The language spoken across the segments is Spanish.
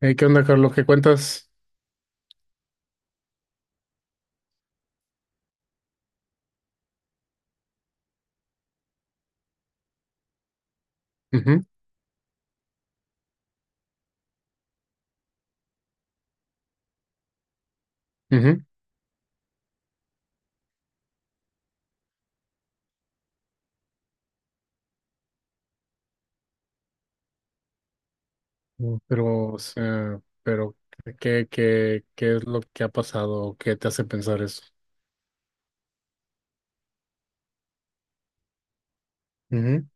¿Qué onda, Carlos? ¿Qué cuentas? Ujú, ujú. Pero, o sea, pero ¿qué es lo que ha pasado? ¿Qué te hace pensar eso? Ujú,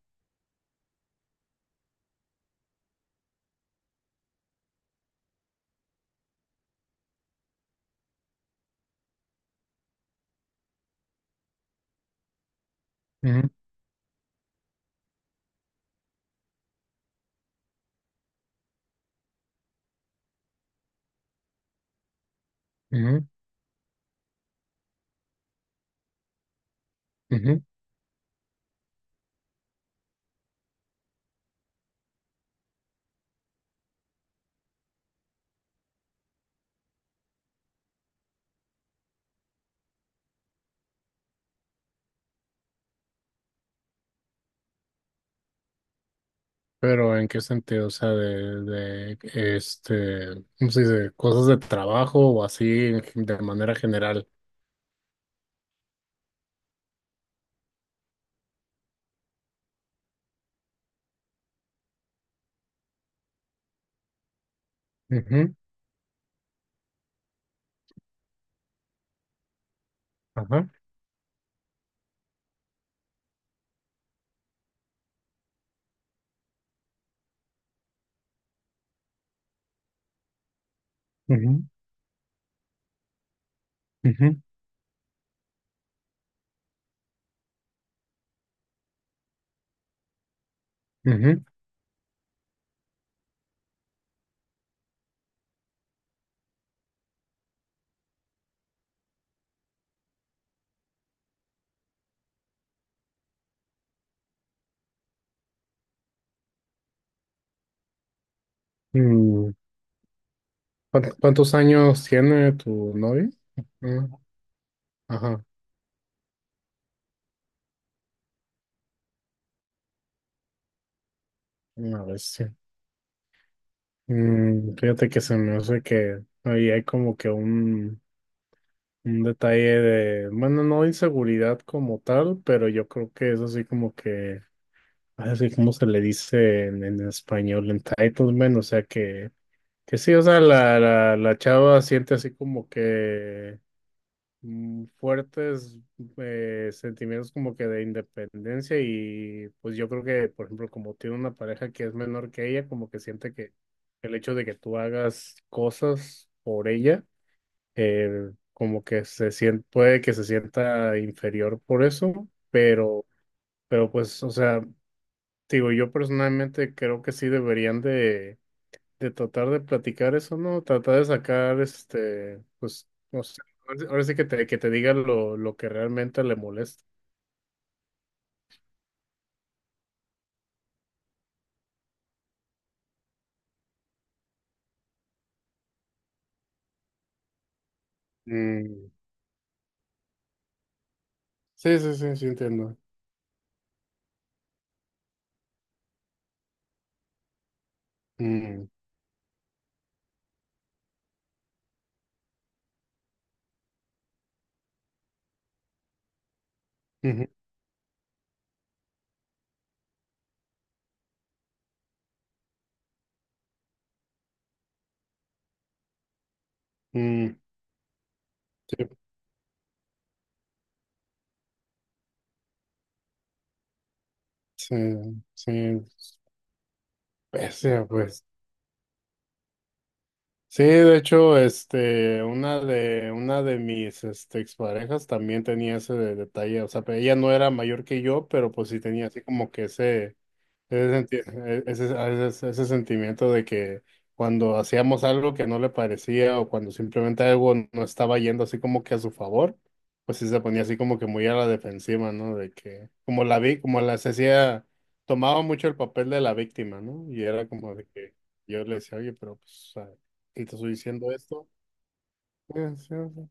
ujú, ujú, ujú. Pero ¿en qué sentido? O sea, de este, ¿cómo se dice? Cosas de trabajo o así de manera general. Ujú, ajá, ujú, ujú, ujú. Mm, Cuántos años tiene tu novio? Ujú, ajá, una vez. Fíjate que se me hace que ahí hay como que un, detalle de, bueno, no inseguridad como tal, pero yo creo que es así como que, así como se le dice en español, entitlement, o sea que sí, o sea, la chava siente así como que fuertes sentimientos como que de independencia y pues yo creo que, por ejemplo, como tiene una pareja que es menor que ella, como que siente que el hecho de que tú hagas cosas por ella, como que se siente, puede que se sienta inferior por eso, pero pues, o sea, digo, yo personalmente creo que sí deberían de tratar de platicar eso, ¿no? Tratar de sacar, este, pues, no sé, ahora sí que te diga lo que realmente le molesta. Mm, sí, sí, sí, sí, entiendo. Mm, ujú, mm, sí, sí, sí, bestia, pues. Sí, de hecho, este, una de mis, este, exparejas también tenía ese detalle, o sea, pero ella no era mayor que yo, pero pues sí tenía así como que ese Ese, senti- e- ese- ese- ese sentimiento de que cuando hacíamos algo que no le parecía o cuando simplemente algo no estaba yendo así como que a su favor, pues sí se ponía así como que muy a la defensiva, ¿no? De que como la vi, como la se hacía, tomaba mucho el papel de la víctima, ¿no? Y era como de que yo le decía, oye, pero pues, o sea, si te estoy diciendo esto. Sí, sí, sí,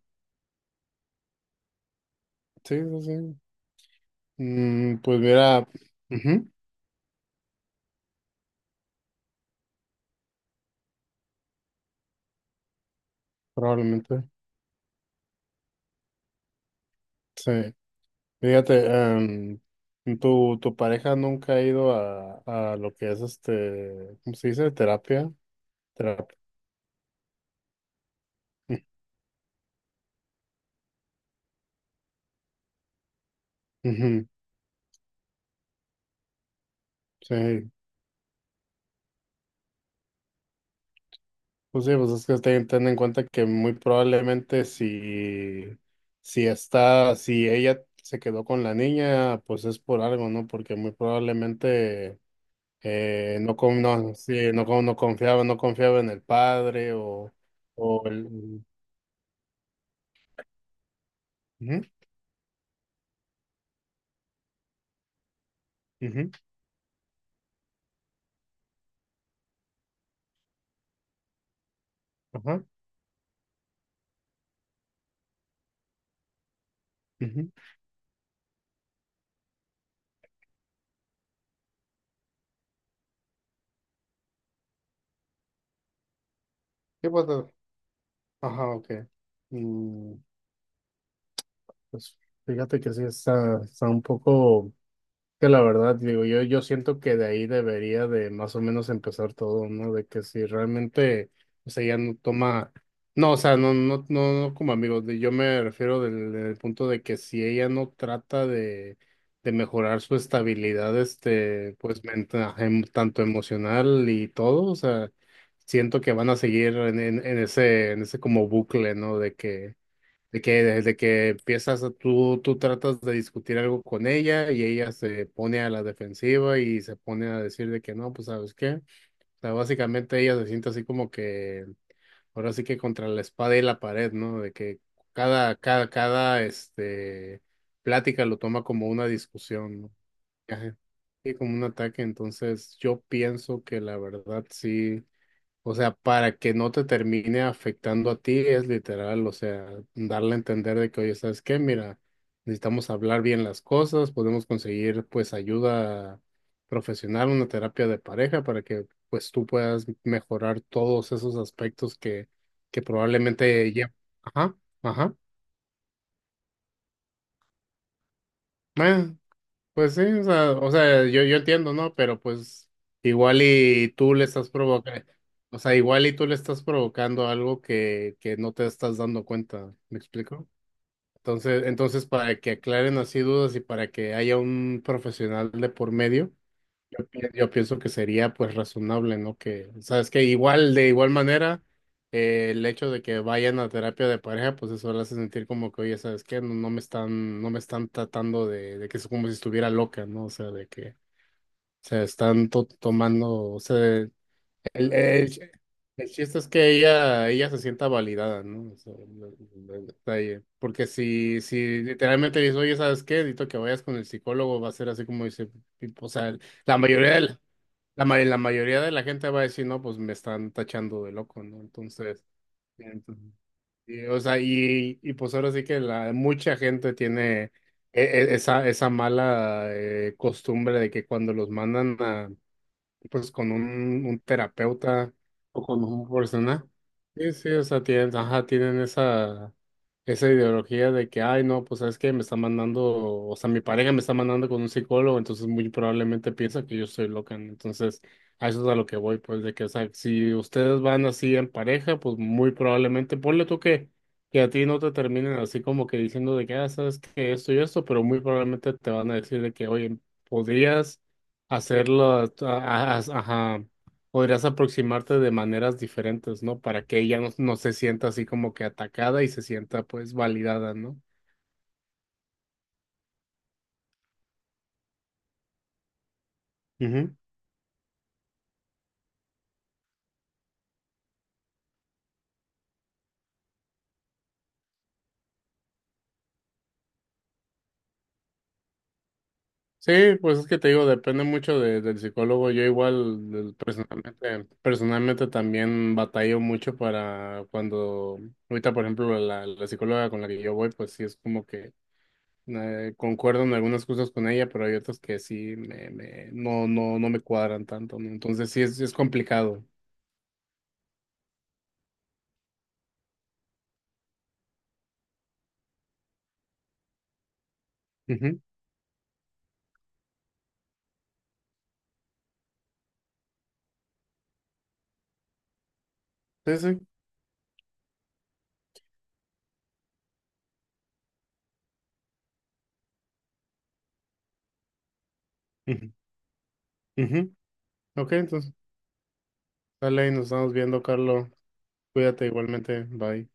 sí, sí, sí. Pues mira, ujú, probablemente. Sí. Fíjate, tu pareja nunca ha ido a, lo que es este, ¿cómo se dice? Terapia. Terapia. Ujú, sí, pues sí, pues es que ten en cuenta que muy probablemente si está, si ella se quedó con la niña, pues es por algo, ¿no? Porque muy probablemente no, no, sí, no, no confiaba en el padre. Ujú, ujú, ajá, ujú. Sí, pues, ajá, ok. Mm, pues fíjate que sí está un poco, que la verdad, digo, yo siento que de ahí debería de más o menos empezar todo, ¿no? De que si realmente, o sea, ya no toma, no, o sea, no, no, no, no como amigos, yo me refiero del punto de que si ella no trata de mejorar su estabilidad, este, pues, mental, tanto emocional y todo, o sea, siento que van a seguir en ese como bucle, ¿no? de que desde que empiezas, tú tratas de discutir algo con ella y ella se pone a la defensiva y se pone a decir de que no, pues ¿sabes qué? O sea, básicamente ella se siente así como que, ahora sí que contra la espada y la pared, ¿no? De que cada, este, plática lo toma como una discusión, ¿no? Ajá. Y como un ataque, entonces yo pienso que la verdad sí. O sea, para que no te termine afectando a ti, es literal, o sea, darle a entender de que, oye, ¿sabes qué? Mira, necesitamos hablar bien las cosas, podemos conseguir pues ayuda profesional, una terapia de pareja para que pues tú puedas mejorar todos esos aspectos que, probablemente ya. Ajá, ajá. Eh, Pues sí, o sea, yo entiendo, ¿no? Pero pues igual y tú le estás provocando, o sea, igual y tú le estás provocando algo que no te estás dando cuenta, ¿me explico? Entonces, para que aclaren así dudas y para que haya un profesional de por medio, yo pienso que sería pues razonable, ¿no? Que, sabes que igual, de igual manera, el hecho de que vayan a terapia de pareja, pues eso le hace sentir como que, oye, ¿sabes qué? No, no me están tratando de que es como si estuviera loca, ¿no? O sea, de que se están tomando, o sea, el, el chiste es que ella se sienta validada, ¿no? O sea, el detalle. Porque si literalmente le dices, oye, ¿sabes qué? Dito que vayas con el psicólogo, va a ser así como dice, tipo, o sea, la mayoría de la- la mayoría de la gente va a decir, no, pues me están tachando de loco, ¿no? Entonces, entonces, y, o sea, y pues ahora sí que mucha gente tiene esa mala costumbre de que cuando los mandan a, pues con un terapeuta o con un profesional. Sí, sí, o sea, tienen, ajá, tienen esa ideología de que, ay, no, pues sabes que me está mandando, o sea, mi pareja me está mandando con un psicólogo, entonces muy probablemente piensa que yo soy loca, ¿no? Entonces, a eso es a lo que voy, pues, de que, o sea, si ustedes van así en pareja, pues muy probablemente, ponle tú que, a ti no te terminen así como que diciendo de que, ah, sabes que esto y esto, pero muy probablemente te van a decir de que, oye, podrías hacerlo, ajá, podrías aproximarte de maneras diferentes, ¿no? Para que ella no se sienta así como que atacada y se sienta pues validada, ¿no? Ujú. Sí, pues es que te digo, depende mucho del psicólogo. Yo igual personalmente también batallo mucho para cuando, ahorita por ejemplo, la psicóloga con la que yo voy, pues sí es como que concuerdo en algunas cosas con ella, pero hay otras que sí no me cuadran tanto, ¿no? Entonces sí es complicado. Ujú, sí, sí. Ujú, ujú. Ok, entonces, dale y nos estamos viendo, Carlos. Cuídate igualmente. Bye.